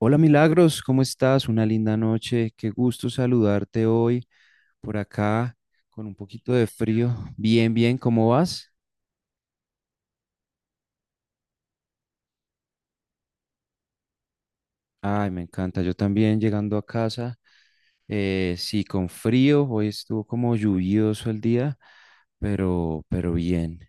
Hola Milagros, ¿cómo estás? Una linda noche, qué gusto saludarte hoy por acá con un poquito de frío. Bien, bien, ¿cómo vas? Ay, me encanta, yo también llegando a casa, sí, con frío, hoy estuvo como lluvioso el día, pero bien.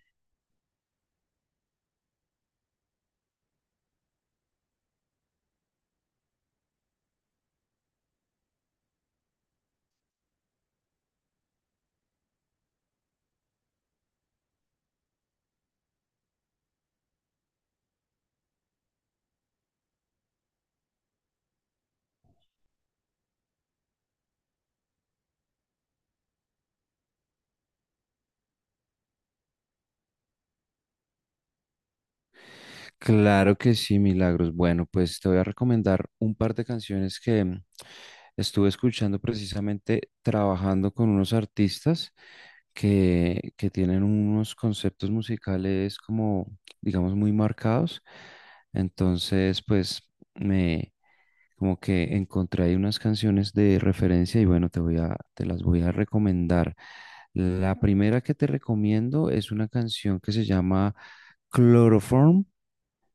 Claro que sí, Milagros. Bueno, pues te voy a recomendar un par de canciones que estuve escuchando precisamente trabajando con unos artistas que tienen unos conceptos musicales como, digamos, muy marcados. Entonces, pues me como que encontré ahí unas canciones de referencia y bueno, te las voy a recomendar. La primera que te recomiendo es una canción que se llama Chloroform,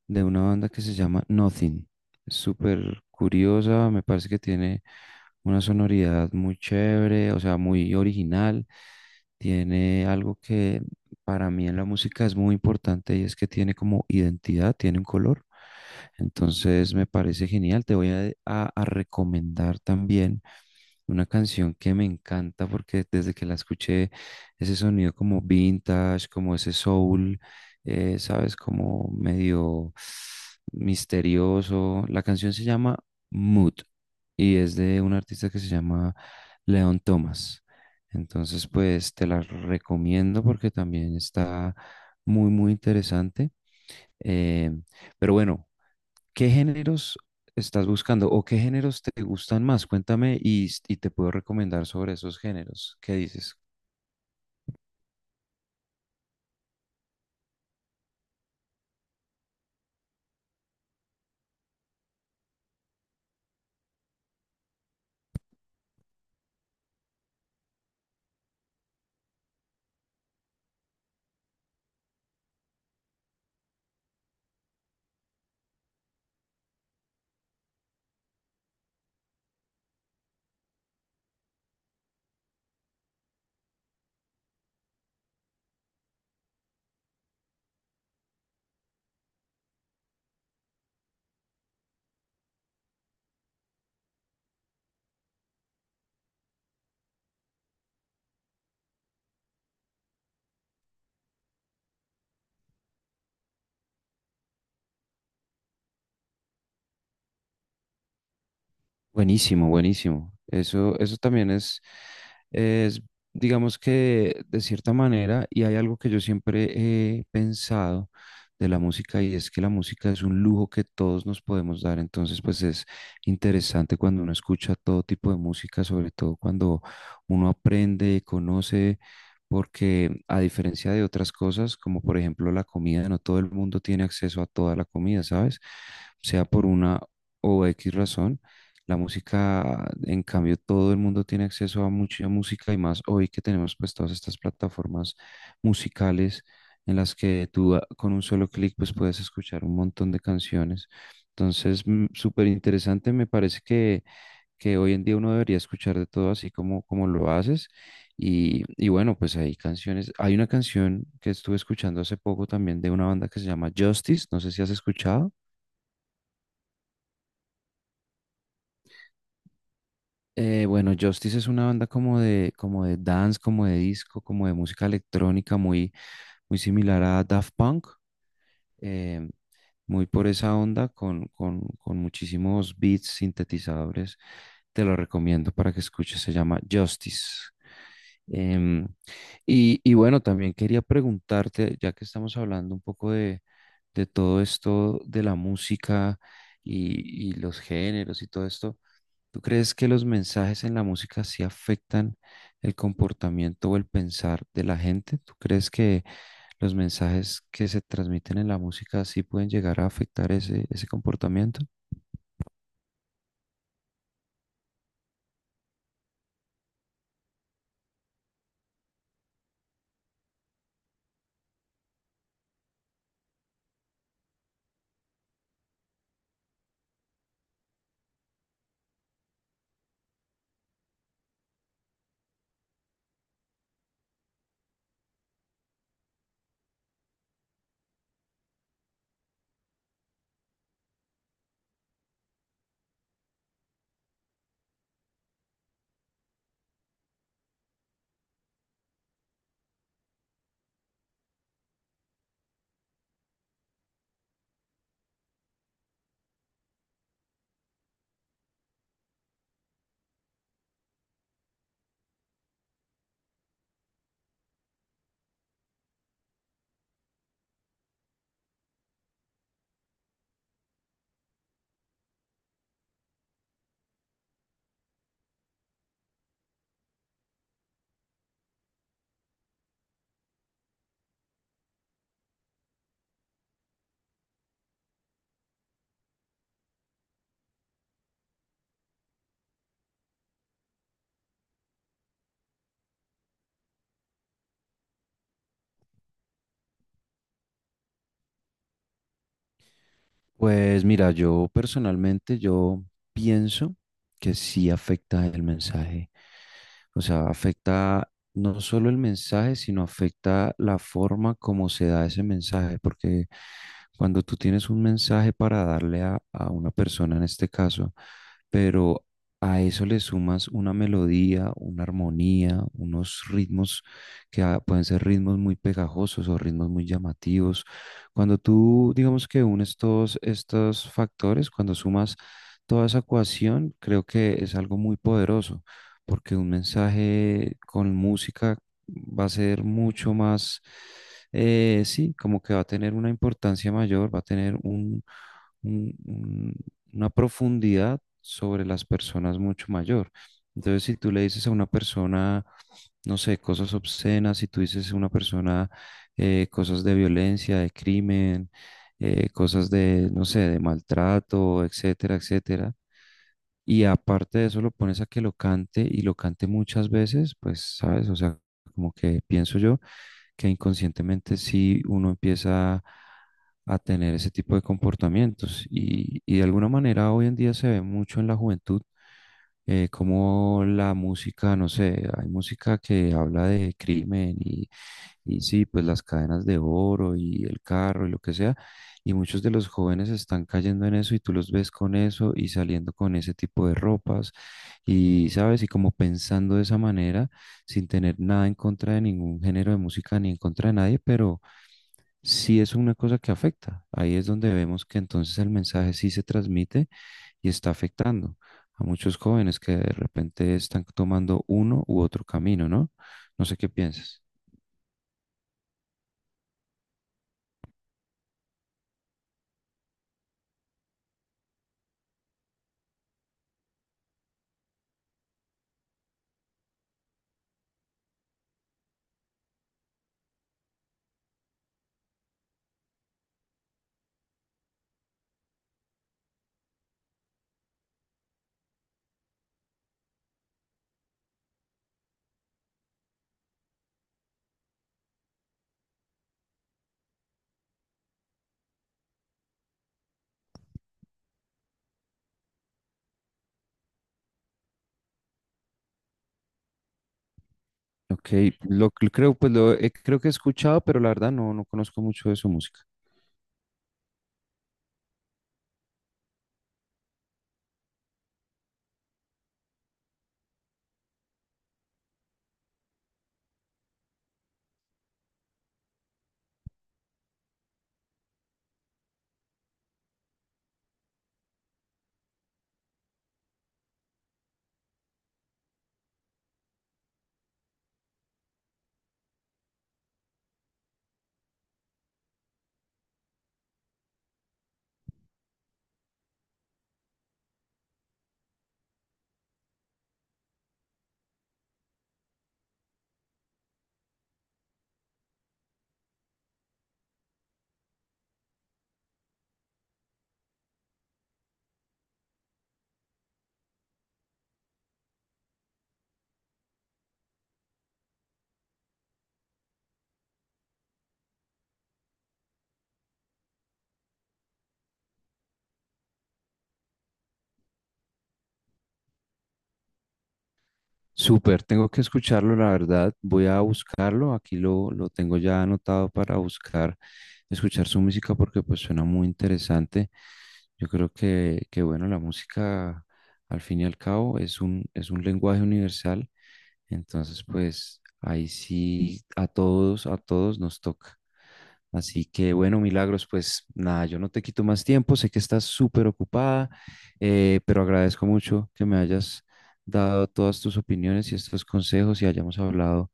de una banda que se llama Nothing. Es súper curiosa, me parece que tiene una sonoridad muy chévere, o sea, muy original. Tiene algo que para mí en la música es muy importante, y es que tiene como identidad, tiene un color. Entonces me parece genial. Te voy a recomendar también una canción que me encanta porque desde que la escuché, ese sonido como vintage, como ese soul, sabes, como medio misterioso. La canción se llama Mood y es de un artista que se llama Leon Thomas. Entonces, pues te la recomiendo porque también está muy interesante. Eh, pero bueno. ¿Qué géneros estás buscando o qué géneros te gustan más? Cuéntame y te puedo recomendar sobre esos géneros. ¿Qué dices? Buenísimo, buenísimo. Eso también es, digamos, que de cierta manera, y hay algo que yo siempre he pensado de la música, y es que la música es un lujo que todos nos podemos dar. Entonces, pues es interesante cuando uno escucha todo tipo de música, sobre todo cuando uno aprende, conoce, porque a diferencia de otras cosas, como por ejemplo la comida, no todo el mundo tiene acceso a toda la comida, ¿sabes? Sea por una o X razón. La música, en cambio, todo el mundo tiene acceso a mucha música, y más hoy que tenemos pues todas estas plataformas musicales en las que tú con un solo clic pues puedes escuchar un montón de canciones. Entonces, mm, súper interesante, me parece que hoy en día uno debería escuchar de todo, así como, como lo haces. Y bueno, pues hay canciones, hay una canción que estuve escuchando hace poco también de una banda que se llama Justice, no sé si has escuchado. Bueno, Justice es una banda como de dance, como de disco, como de música electrónica, muy similar a Daft Punk, eh, muy por esa onda, con muchísimos beats, sintetizadores. Te lo recomiendo para que escuches, se llama Justice. Em, y bueno, también quería preguntarte, ya que estamos hablando un poco de todo esto de la música y los géneros y todo esto. ¿Tú crees que los mensajes en la música sí afectan el comportamiento o el pensar de la gente? ¿Tú crees que los mensajes que se transmiten en la música sí pueden llegar a afectar ese, ese comportamiento? Pues mira, yo personalmente yo pienso que sí afecta el mensaje. O sea, afecta no solo el mensaje, sino afecta la forma como se da ese mensaje, porque cuando tú tienes un mensaje para darle a una persona en este caso, pero a eso le sumas una melodía, una armonía, unos ritmos que pueden ser ritmos muy pegajosos o ritmos muy llamativos. Cuando tú, digamos, que unes todos estos factores, cuando sumas toda esa ecuación, creo que es algo muy poderoso, porque un mensaje con música va a ser mucho más, sí, como que va a tener una importancia mayor, va a tener un, una profundidad sobre las personas mucho mayor. Entonces, si tú le dices a una persona, no sé, cosas obscenas, si tú dices a una persona cosas de violencia, de crimen, cosas de, no sé, de maltrato, etcétera, etcétera. Y aparte de eso lo pones a que lo cante y lo cante muchas veces, pues, ¿sabes? O sea, como que pienso yo que inconscientemente sí uno empieza a tener ese tipo de comportamientos. Y de alguna manera hoy en día se ve mucho en la juventud, como la música, no sé, hay música que habla de crimen y sí, pues las cadenas de oro y el carro y lo que sea. Y muchos de los jóvenes están cayendo en eso, y tú los ves con eso y saliendo con ese tipo de ropas y, ¿sabes? Y como pensando de esa manera, sin tener nada en contra de ningún género de música ni en contra de nadie, pero sí es una cosa que afecta. Ahí es donde vemos que entonces el mensaje sí se transmite y está afectando a muchos jóvenes que de repente están tomando uno u otro camino, ¿no? No sé qué piensas. Ok, lo, que creo, pues lo, he- creo que he escuchado, pero la verdad no, no conozco mucho de su música. Súper, tengo que escucharlo, la verdad. Voy a buscarlo. Aquí lo tengo ya anotado para buscar, escuchar su música porque pues suena muy interesante. Yo creo que bueno, la música al fin y al cabo es un lenguaje universal. Entonces, pues ahí sí a todos nos toca. Así que bueno, Milagros, pues nada, yo no te quito más tiempo, sé que estás súper ocupada, pero agradezco mucho que me hayas dado todas tus opiniones y estos consejos y hayamos hablado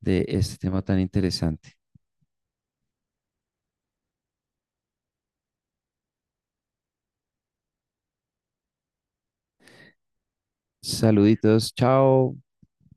de este tema tan interesante. Saluditos, chao.